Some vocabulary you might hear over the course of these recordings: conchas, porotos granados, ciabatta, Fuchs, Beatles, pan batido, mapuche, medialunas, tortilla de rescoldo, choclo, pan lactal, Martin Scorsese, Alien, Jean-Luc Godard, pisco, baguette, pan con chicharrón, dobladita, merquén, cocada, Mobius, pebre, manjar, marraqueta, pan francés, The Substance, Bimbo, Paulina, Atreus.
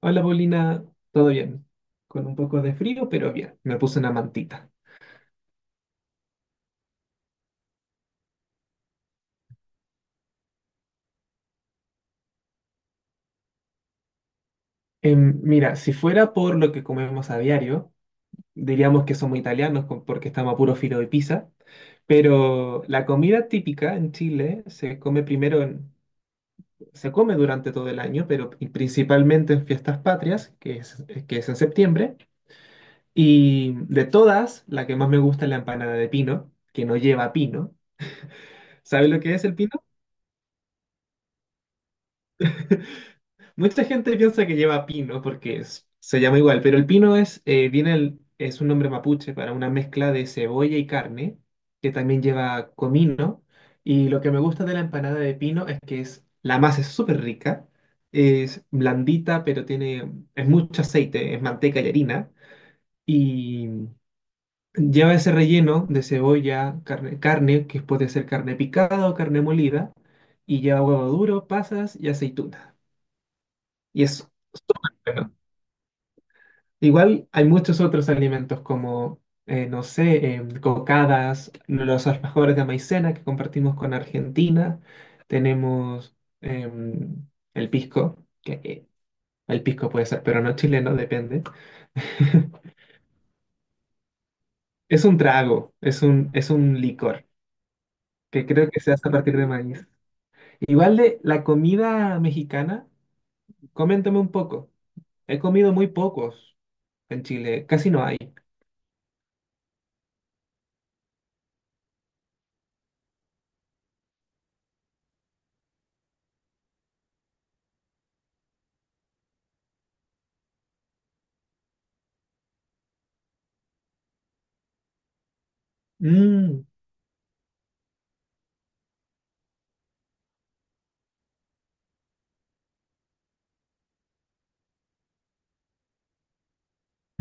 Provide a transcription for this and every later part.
Hola Paulina, ¿todo bien? Con un poco de frío, pero bien, me puse una mantita. Mira, si fuera por lo que comemos a diario, diríamos que somos italianos porque estamos a puro filo de pizza, pero la comida típica en Chile se come primero, se come durante todo el año, pero principalmente en fiestas patrias, que es en septiembre, y de todas, la que más me gusta es la empanada de pino, que no lleva pino. ¿Sabe lo que es el pino? Mucha gente piensa que lleva pino porque se llama igual, pero el pino es, es un nombre mapuche para una mezcla de cebolla y carne, que también lleva comino. Y lo que me gusta de la empanada de pino es que es, la masa es súper rica, es blandita, pero tiene, es mucho aceite, es manteca y harina. Y lleva ese relleno de cebolla, carne, que puede ser carne picada o carne molida, y lleva huevo duro, pasas y aceituna. Y es... Igual hay muchos otros alimentos como, no sé, cocadas, los alfajores de maicena que compartimos con Argentina. Tenemos em, el pisco, que el pisco puede ser, pero no chileno, depende. Es un trago, es un licor, que creo que se hace a partir de maíz. Igual de la comida mexicana, coméntame un poco. He comido muy pocos en Chile, casi no hay. Mm.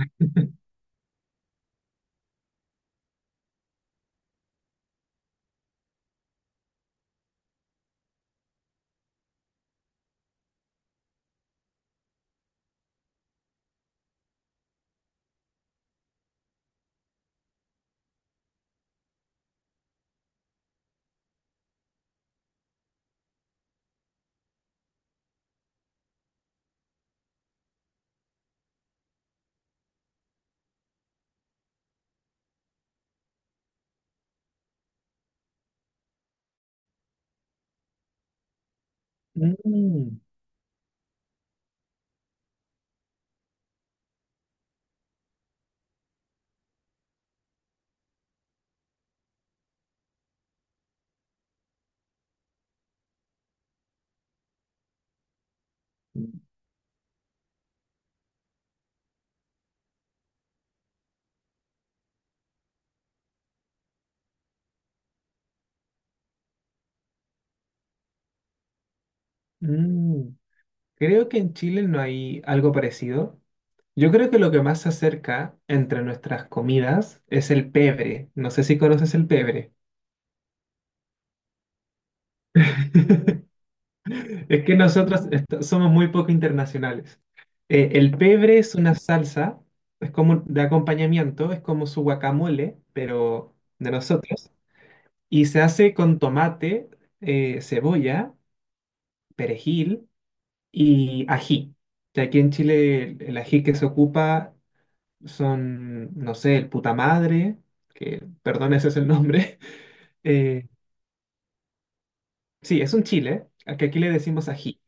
Mm. Mm, Creo que en Chile no hay algo parecido. Yo creo que lo que más se acerca entre nuestras comidas es el pebre. No sé si conoces el pebre. Es que nosotros somos muy poco internacionales. El pebre es una salsa, es como de acompañamiento, es como su guacamole, pero de nosotros. Y se hace con tomate, cebolla, perejil y ají. Que aquí en Chile el ají que se ocupa son, no sé, el puta madre, que, perdón, ese es el nombre. Eh, sí, es un chile, al que aquí le decimos ají.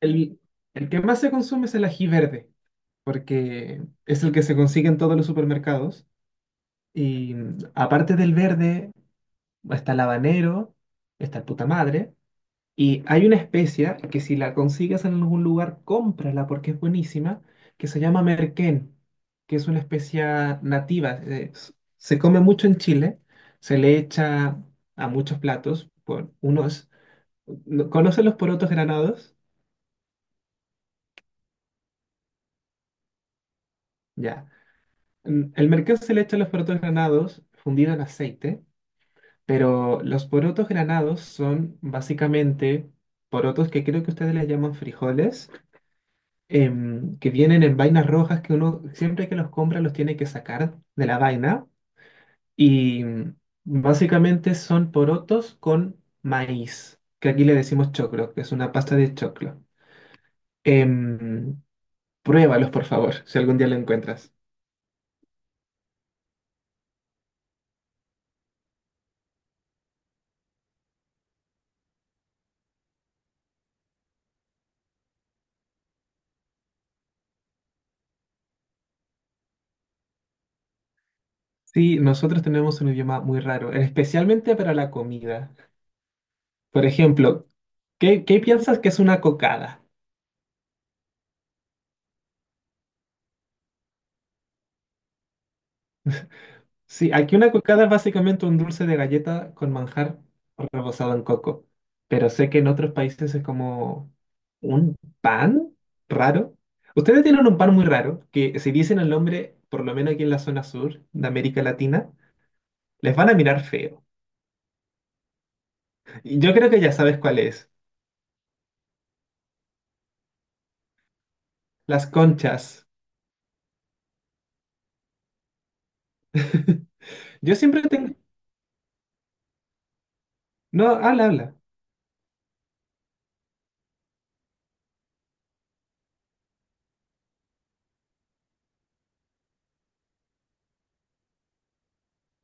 El, el que más se consume es el ají verde, porque es el que se consigue en todos los supermercados. Y aparte del verde, está el habanero, está el puta madre. Y hay una especia que si la consigues en algún lugar, cómprala porque es buenísima, que se llama merquén, que es una especia nativa. Se come mucho en Chile, se le echa a muchos platos, por unos, ¿conocen los porotos granados? Ya. El merquén se le echa a los porotos granados fundido en aceite, pero los porotos granados son básicamente porotos que creo que ustedes les llaman frijoles, que vienen en vainas rojas que uno siempre que los compra los tiene que sacar de la vaina, y básicamente son porotos con maíz, que aquí le decimos choclo, que es una pasta de choclo. Em, Pruébalos, por favor, si algún día lo encuentras. Sí, nosotros tenemos un idioma muy raro, especialmente para la comida. Por ejemplo, ¿Qué piensas que es una cocada? Sí, aquí una cucada es básicamente un dulce de galleta con manjar rebozado en coco, pero sé que en otros países es como un pan raro. Ustedes tienen un pan muy raro que si dicen el nombre, por lo menos aquí en la zona sur de América Latina, les van a mirar feo. Y yo creo que ya sabes cuál es, las conchas. Yo siempre tengo... No, habla, habla.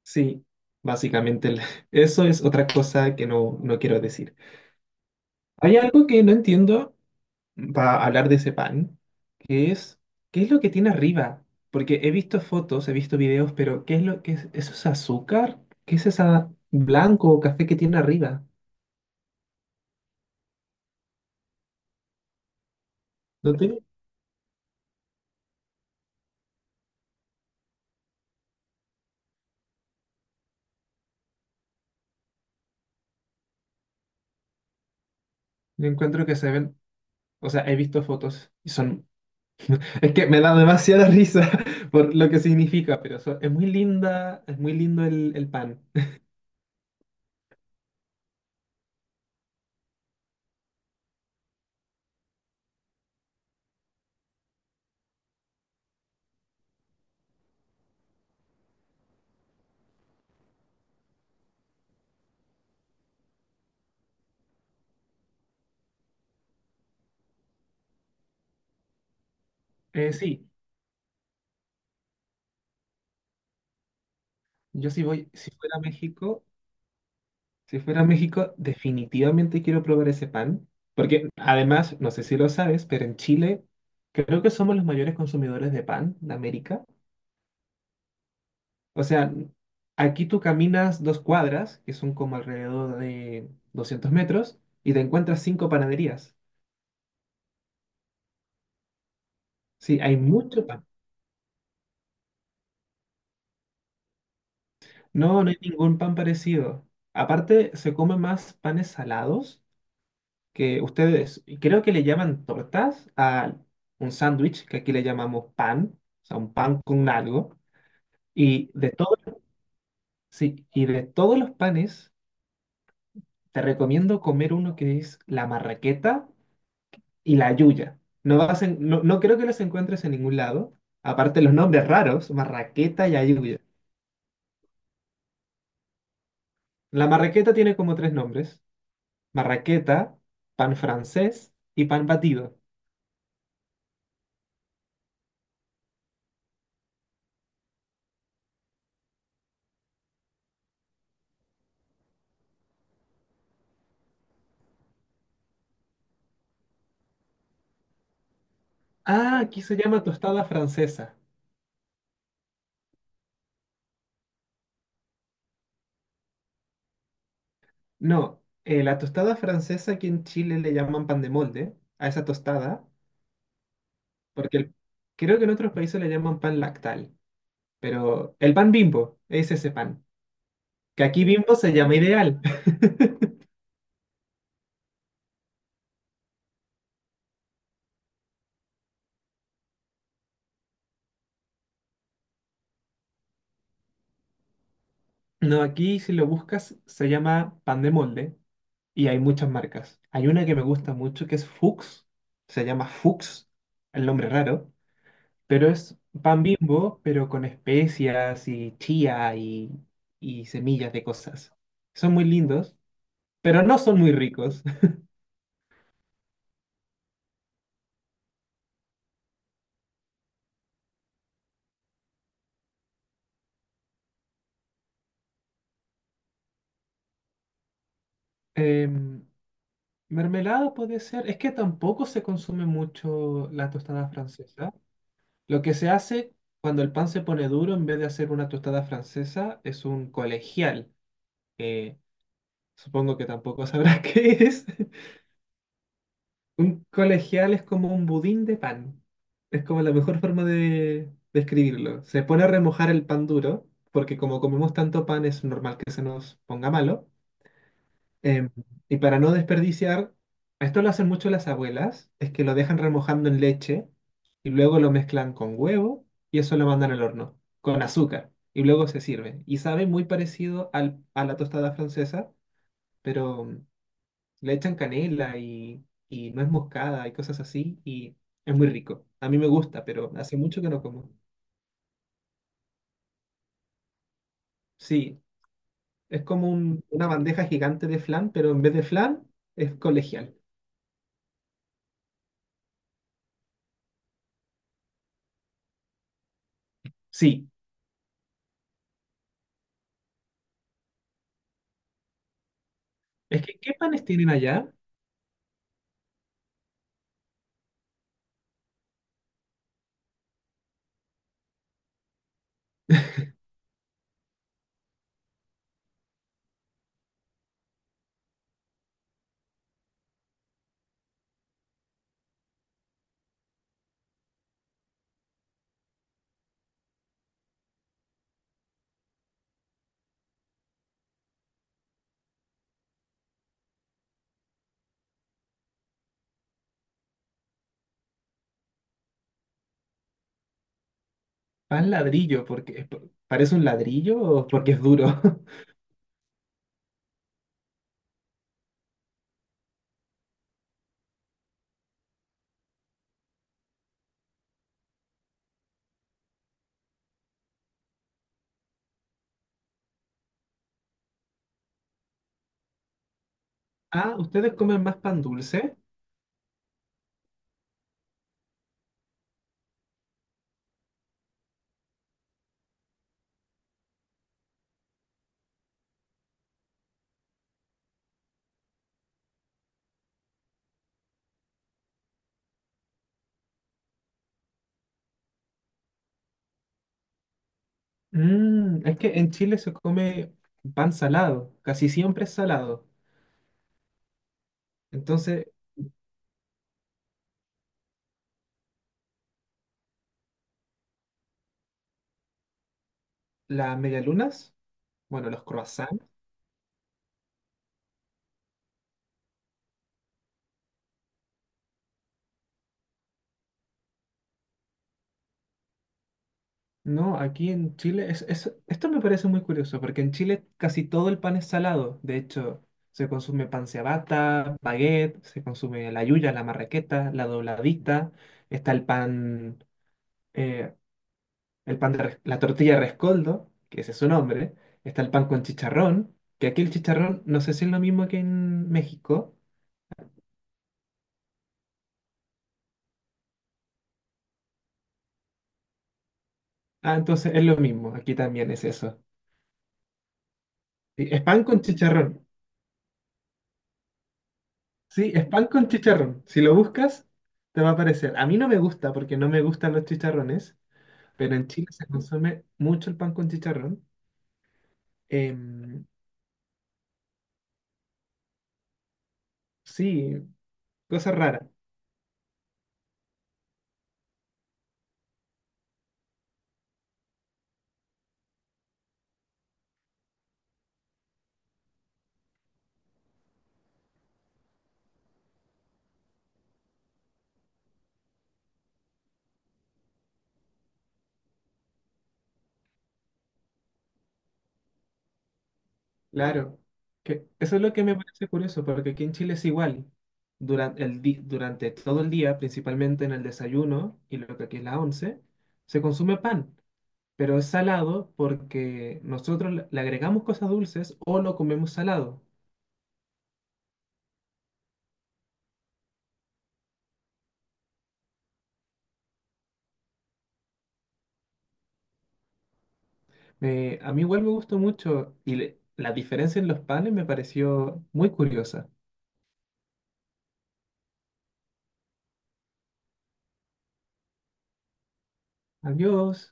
Sí, básicamente eso es otra cosa que no, no quiero decir. Hay algo que no entiendo, va a hablar de ese pan, que es, ¿qué es lo que tiene arriba? Porque he visto fotos, he visto videos, pero ¿qué es lo que es? ¿Eso es azúcar? ¿Qué es esa blanco o café que tiene arriba? No tengo, yo encuentro que se ven, o sea, he visto fotos y son, es que me da demasiada risa por lo que significa, pero es muy linda, es muy lindo el pan. Sí, yo si voy, si fuera a México, Si fuera a México, definitivamente quiero probar ese pan, porque además, no sé si lo sabes, pero en Chile creo que somos los mayores consumidores de pan de América. O sea, aquí tú caminas dos cuadras, que son como alrededor de 200 metros, y te encuentras cinco panaderías. Sí, hay mucho pan. No, no hay ningún pan parecido. Aparte, se come más panes salados que ustedes creo que le llaman tortas a un sándwich, que aquí le llamamos pan, o sea, un pan con algo, y de todo, sí, y de todos los panes te recomiendo comer uno que es la marraqueta y la yuya. No vas no, no creo que los encuentres en ningún lado, aparte los nombres raros, marraqueta y ayuya. La marraqueta tiene como tres nombres, marraqueta, pan francés y pan batido. Ah, aquí se llama tostada francesa. No, la tostada francesa aquí en Chile le llaman pan de molde a esa tostada, porque creo que en otros países le llaman pan lactal, pero el pan Bimbo es ese pan, que aquí Bimbo se llama ideal. No, aquí si lo buscas se llama pan de molde y hay muchas marcas. Hay una que me gusta mucho que es Fuchs, se llama Fuchs, el nombre raro, pero es pan Bimbo, pero con especias y chía y semillas de cosas. Son muy lindos, pero no son muy ricos. Em, Mermelada puede ser. Es que tampoco se consume mucho la tostada francesa. Lo que se hace cuando el pan se pone duro, en vez de hacer una tostada francesa, es un colegial, que supongo que tampoco sabrás qué es. Un colegial es como un budín de pan. Es como la mejor forma de describirlo. Se pone a remojar el pan duro, porque como comemos tanto pan, es normal que se nos ponga malo. Em, y para no desperdiciar, esto lo hacen mucho las abuelas, es que lo dejan remojando en leche y luego lo mezclan con huevo y eso lo mandan al horno, con azúcar, y luego se sirve. Y sabe muy parecido al, a la tostada francesa, pero le echan canela y nuez moscada y cosas así, y es muy rico. A mí me gusta, pero hace mucho que no como. Sí, es como una bandeja gigante de flan, pero en vez de flan es colegial. Sí, es que ¿qué panes tienen allá? Pan ladrillo, ¿porque parece un ladrillo o porque es duro? Ah, ¿ustedes comen más pan dulce? Es que en Chile se come pan salado, casi siempre es salado. Entonces, las medialunas, bueno, los croissants, no, aquí en Chile, es, esto me parece muy curioso, porque en Chile casi todo el pan es salado. De hecho, se consume pan ciabatta, baguette, se consume la yuya, la marraqueta, la dobladita, está el pan. eh, la tortilla de rescoldo, que ese es su nombre, está el pan con chicharrón, que aquí el chicharrón no sé si es lo mismo que en México. Ah, entonces es lo mismo, aquí también es eso. Sí, es pan con chicharrón. Sí, es pan con chicharrón. Si lo buscas, te va a aparecer. A mí no me gusta porque no me gustan los chicharrones, pero en Chile se consume mucho el pan con chicharrón. Em, sí, cosa rara. Claro, que eso es lo que me parece curioso, porque aquí en Chile es igual. Durante, durante todo el día, principalmente en el desayuno y lo que aquí es la once, se consume pan, pero es salado porque nosotros le agregamos cosas dulces o lo comemos salado. A mí igual me gustó mucho, y la diferencia en los panes me pareció muy curiosa. Adiós.